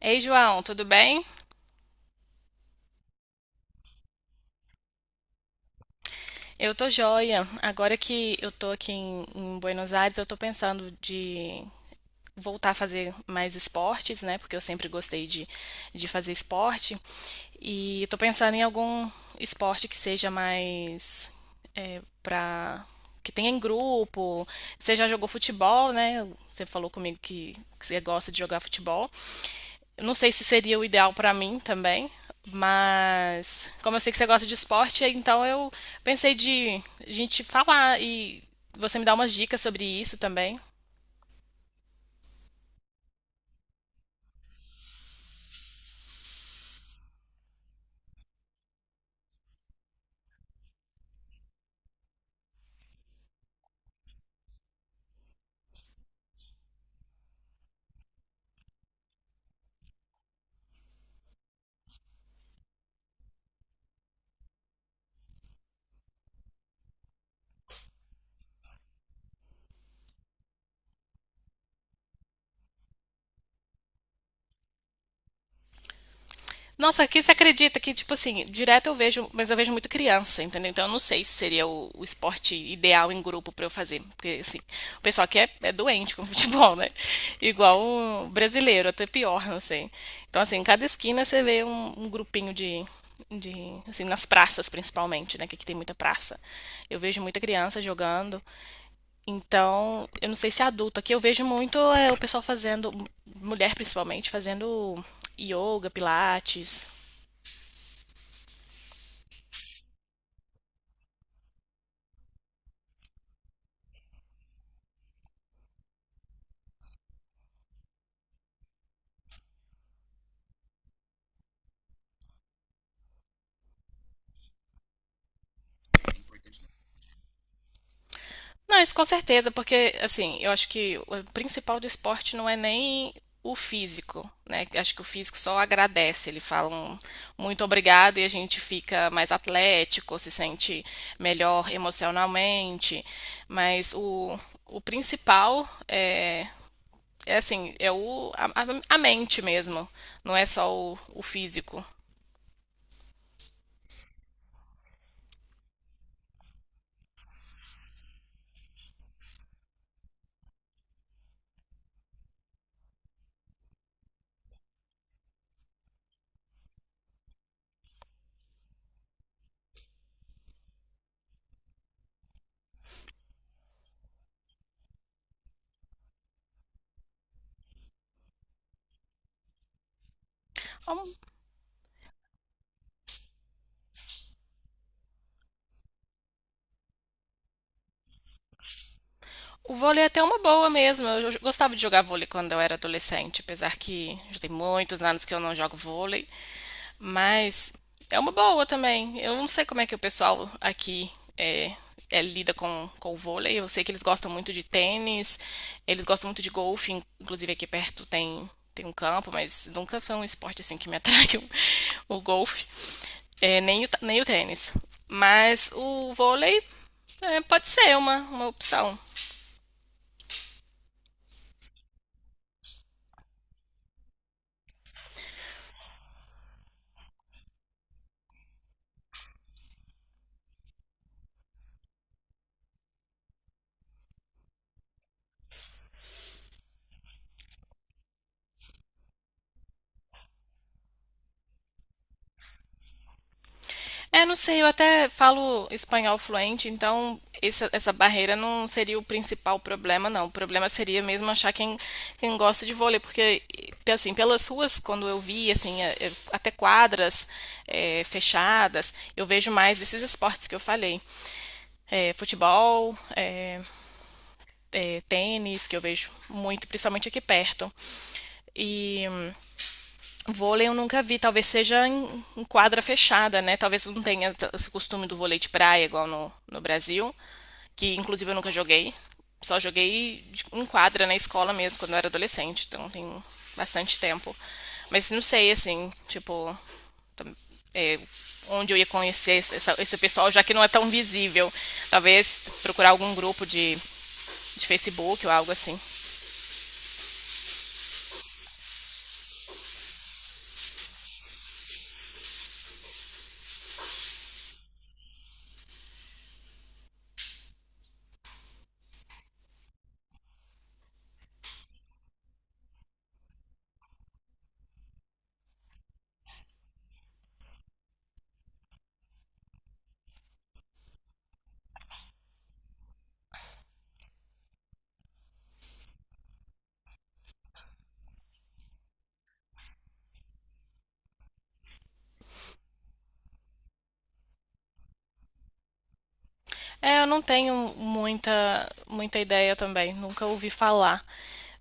Ei, João, tudo bem? Eu tô joia. Agora que eu tô aqui em Buenos Aires, eu tô pensando de voltar a fazer mais esportes, né? Porque eu sempre gostei de fazer esporte. E tô pensando em algum esporte que seja mais é, pra. Que tenha em grupo. Você já jogou futebol, né? Você falou comigo que você gosta de jogar futebol. Eu não sei se seria o ideal pra mim também, mas como eu sei que você gosta de esporte, então eu pensei de a gente falar e você me dar umas dicas sobre isso também. Nossa, aqui você acredita que, tipo assim, direto eu vejo, mas eu vejo muito criança, entendeu? Então eu não sei se seria o esporte ideal em grupo pra eu fazer. Porque, assim, o pessoal aqui é doente com futebol, né? Igual o brasileiro, até pior, não sei. Então, assim, em cada esquina você vê um grupinho assim, nas praças principalmente, né? Que aqui tem muita praça. Eu vejo muita criança jogando. Então, eu não sei se é adulto. Aqui eu vejo muito o pessoal fazendo, mulher principalmente, fazendo yoga, pilates. Não, isso com certeza, porque assim, eu acho que o principal do esporte não é nem o físico, né? Acho que o físico só agradece, ele fala um muito obrigado e a gente fica mais atlético, se sente melhor emocionalmente, mas o principal é, assim, é a mente mesmo, não é só o físico. O vôlei é até uma boa mesmo. Eu gostava de jogar vôlei quando eu era adolescente, apesar que já tem muitos anos que eu não jogo vôlei, mas é uma boa também. Eu não sei como é que o pessoal aqui é, lida com o vôlei. Eu sei que eles gostam muito de tênis, eles gostam muito de golfe, inclusive aqui perto tem um campo, mas nunca foi um esporte assim que me atraiu o, golfe, nem o tênis. Mas o vôlei pode ser uma opção. É, não sei, eu até falo espanhol fluente, então essa barreira não seria o principal problema, não. O problema seria mesmo achar quem gosta de vôlei, porque, assim, pelas ruas, quando eu vi, assim, até quadras fechadas, eu vejo mais desses esportes que eu falei. É, futebol, tênis, que eu vejo muito, principalmente aqui perto. E vôlei eu nunca vi, talvez seja em quadra fechada, né? Talvez não tenha esse costume do vôlei de praia igual no Brasil, que inclusive eu nunca joguei. Só joguei em quadra na escola mesmo, quando eu era adolescente, então tem bastante tempo. Mas não sei, assim, tipo, é, onde eu ia conhecer esse pessoal, já que não é tão visível. Talvez procurar algum grupo de Facebook ou algo assim. É, eu não tenho muita, muita ideia também, nunca ouvi falar.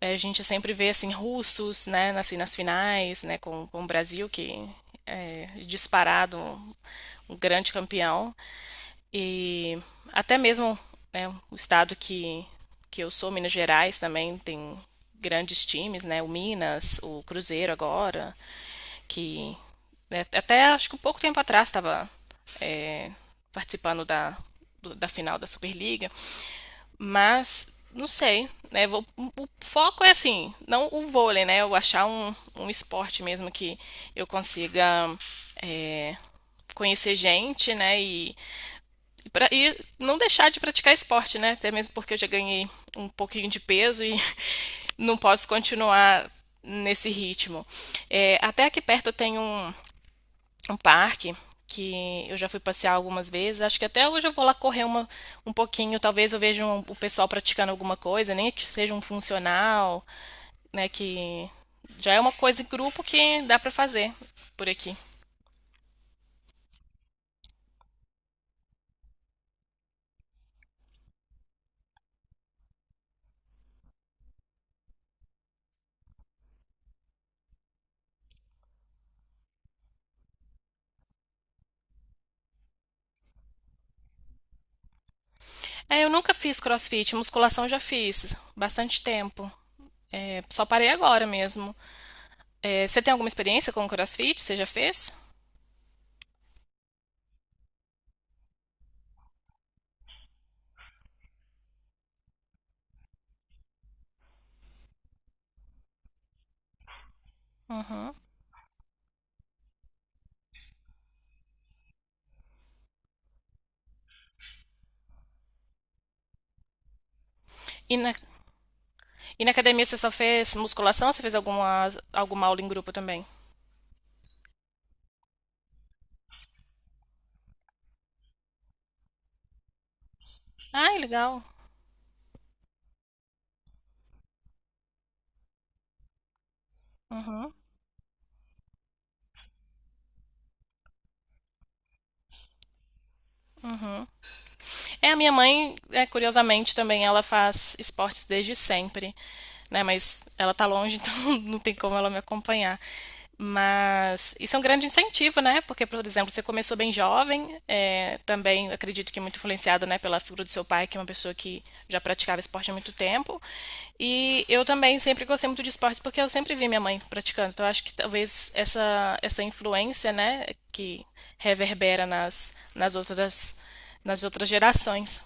É, a gente sempre vê assim russos, né, assim, nas finais, né, com o Brasil que é disparado um grande campeão e até mesmo, né, o estado que eu sou, Minas Gerais também tem grandes times, né, o Minas, o Cruzeiro agora, que né, até acho que um pouco tempo atrás estava participando da final da Superliga. Mas, não sei, né? O foco é assim, não o vôlei, né? Eu achar um esporte mesmo que eu consiga é, conhecer gente, né? E não deixar de praticar esporte, né? Até mesmo porque eu já ganhei um pouquinho de peso e não posso continuar nesse ritmo. É, até aqui perto tem um parque que eu já fui passear algumas vezes. Acho que até hoje eu vou lá correr um pouquinho. Talvez eu veja o pessoal praticando alguma coisa, nem que seja um funcional, né? Que já é uma coisa em grupo que dá pra fazer por aqui. É, eu nunca fiz crossfit, musculação eu já fiz, bastante tempo. É, só parei agora mesmo. É, você tem alguma experiência com crossfit? Você já fez? Uhum. E na, e na academia você só fez musculação ou você fez alguma aula em grupo também? Ai, legal. Uhum. É, a minha mãe, curiosamente, também ela faz esportes desde sempre, né? Mas ela tá longe, então não tem como ela me acompanhar. Mas isso é um grande incentivo, né? Porque, por exemplo, você começou bem jovem, também acredito que é muito influenciado, né, pela figura do seu pai, que é uma pessoa que já praticava esporte há muito tempo. E eu também sempre gostei muito de esportes porque eu sempre vi minha mãe praticando. Então, eu acho que talvez essa influência, né, que reverbera nas outras gerações.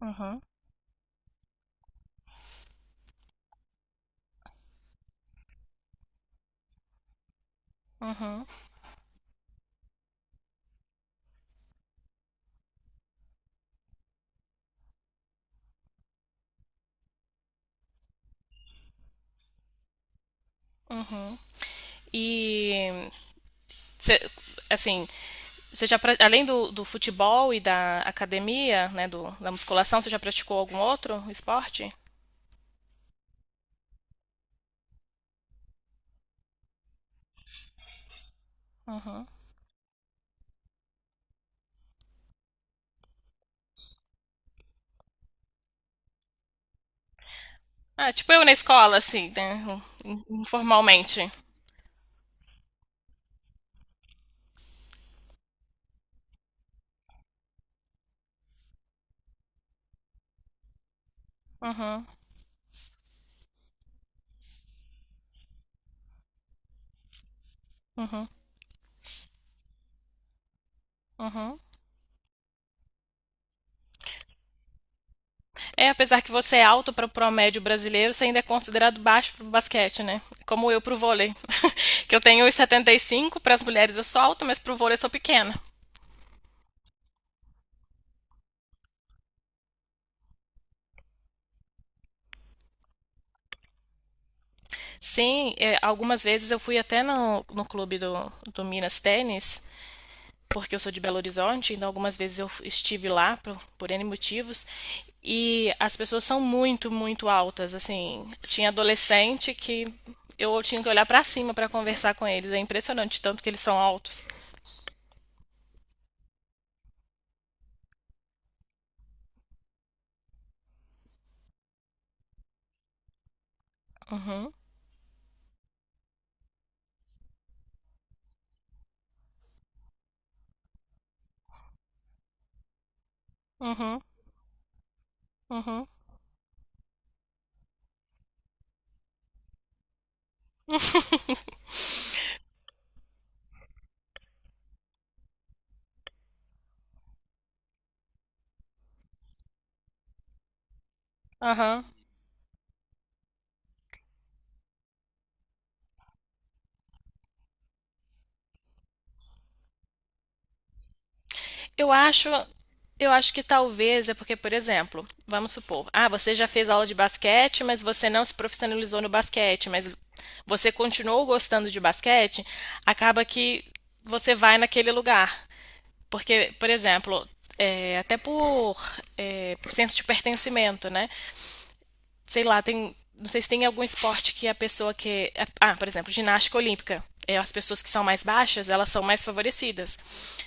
Uhum, uhum, uhum. E, cê, assim, você já, além do futebol e da academia, né, da musculação, você já praticou algum outro esporte? Uhum. Ah, tipo eu na escola, assim, né, informalmente. Uhum, uhum, uhum. É, apesar que você é alto para o promédio brasileiro, você ainda é considerado baixo para o basquete, né? Como eu para o vôlei. Que eu tenho 1,75, para as mulheres eu sou alta, mas para o vôlei eu sou pequena. Sim, algumas vezes eu fui até no clube do Minas Tênis, porque eu sou de Belo Horizonte, então algumas vezes eu estive lá por N motivos, e as pessoas são muito, muito altas, assim. Tinha adolescente que eu tinha que olhar pra cima pra conversar com eles, é impressionante tanto que eles são altos. Uhum, uhum, uhum, aham. Eu acho, eu acho que talvez é porque, por exemplo, vamos supor, ah, você já fez aula de basquete, mas você não se profissionalizou no basquete, mas você continuou gostando de basquete, acaba que você vai naquele lugar. Porque, por exemplo, até por senso de pertencimento, né? Sei lá, tem, não sei se tem algum esporte que a pessoa que, ah, por exemplo, ginástica olímpica, as pessoas que são mais baixas, elas são mais favorecidas.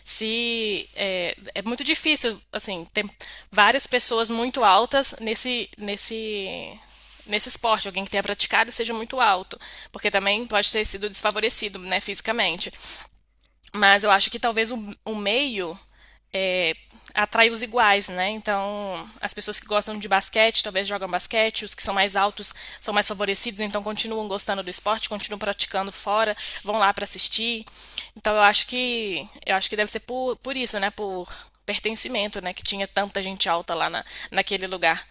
Se é muito difícil, assim, ter várias pessoas muito altas nesse esporte, alguém que tenha praticado seja muito alto, porque também pode ter sido desfavorecido, né, fisicamente. Mas eu acho que talvez o meio é, atrai os iguais, né? Então, as pessoas que gostam de basquete talvez jogam basquete, os que são mais altos são mais favorecidos, então continuam gostando do esporte, continuam praticando fora, vão lá para assistir. Então, eu acho que deve ser por isso, né? Por pertencimento, né? Que tinha tanta gente alta lá naquele lugar.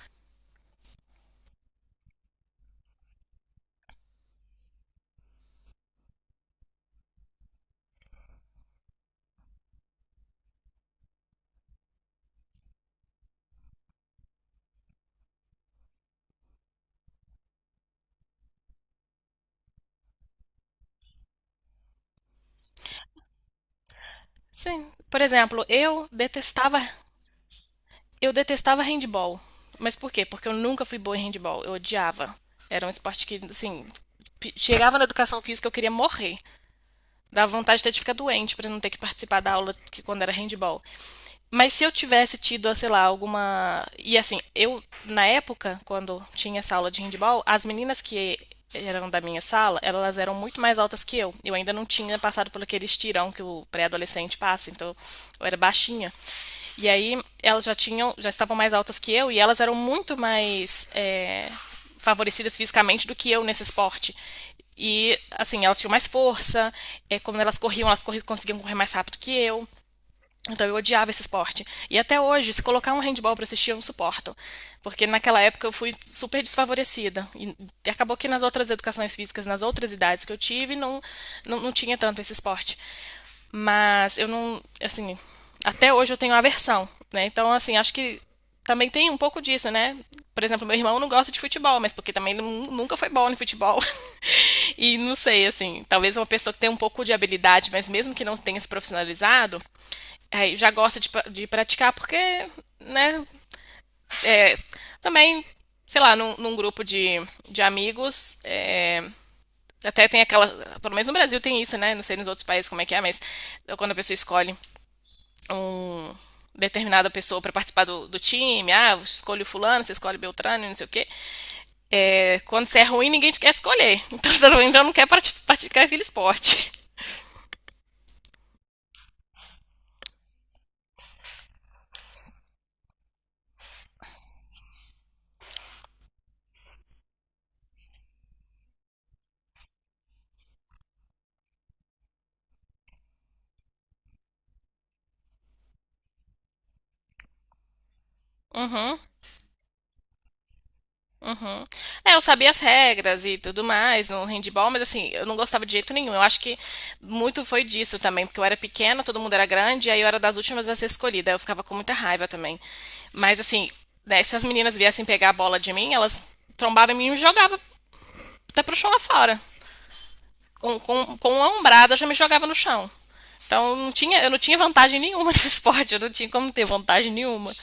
Sim. Por exemplo, eu detestava handball. Mas por quê? Porque eu nunca fui boa em handball. Eu odiava. Era um esporte que, assim, chegava na educação física eu queria morrer. Dava vontade até de ficar doente para não ter que participar da aula que quando era handball. Mas se eu tivesse tido, sei lá, alguma. E assim, eu, na época, quando tinha essa aula de handball, as meninas que eram da minha sala, elas eram muito mais altas que eu. Eu ainda não tinha passado por aquele estirão que o pré-adolescente passa, então eu era baixinha. E aí elas já tinham, já estavam mais altas que eu e elas eram muito mais favorecidas fisicamente do que eu nesse esporte. E, assim, elas tinham mais força, quando elas corriam, elas corri conseguiam correr mais rápido que eu. Então eu odiava esse esporte. E até hoje, se colocar um handball para assistir, eu não suporto. Porque naquela época eu fui super desfavorecida. E acabou que nas outras educações físicas, nas outras idades que eu tive, não tinha tanto esse esporte. Mas eu não, assim, até hoje eu tenho aversão, né? Então, assim, acho que também tem um pouco disso, né? Por exemplo, meu irmão não gosta de futebol, mas porque também ele nunca foi bom no futebol. E não sei, assim, talvez uma pessoa que tem um pouco de habilidade, mas mesmo que não tenha se profissionalizado, aí já gosta de praticar porque, né, é, também, sei lá, num grupo de amigos, até tem aquela, pelo menos no Brasil tem isso, né, não sei nos outros países como é que é, mas quando a pessoa escolhe um determinada pessoa para participar time, ah, escolhe o fulano, você escolhe Beltrano, não sei o quê. É, quando você é ruim, ninguém te quer escolher. Então você então não quer praticar aquele esporte. Uhum. Uhum. É, eu sabia as regras e tudo mais no handball, mas assim, eu não gostava de jeito nenhum. Eu acho que muito foi disso também, porque eu era pequena, todo mundo era grande, e aí eu era das últimas a ser escolhida. Eu ficava com muita raiva também. Mas assim, né, se as meninas viessem pegar a bola de mim, elas trombavam em mim e me jogavam até pro chão lá fora. Com uma ombrada já me jogava no chão. Então eu não tinha vantagem nenhuma nesse esporte, eu não tinha como ter vantagem nenhuma.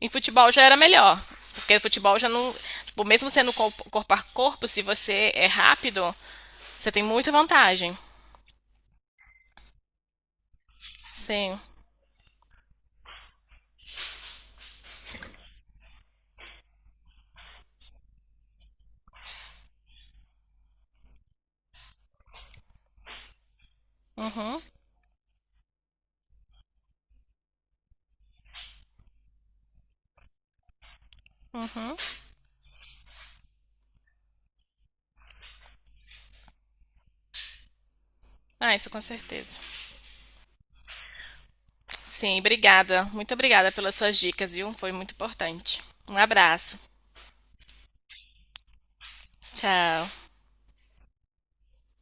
Em futebol já era melhor, porque o futebol já não. Tipo, mesmo sendo corpo a corpo, se você é rápido, você tem muita vantagem. Sim. Ah, isso com certeza. Sim, obrigada. Muito obrigada pelas suas dicas, viu? Foi muito importante. Um abraço. Tchau.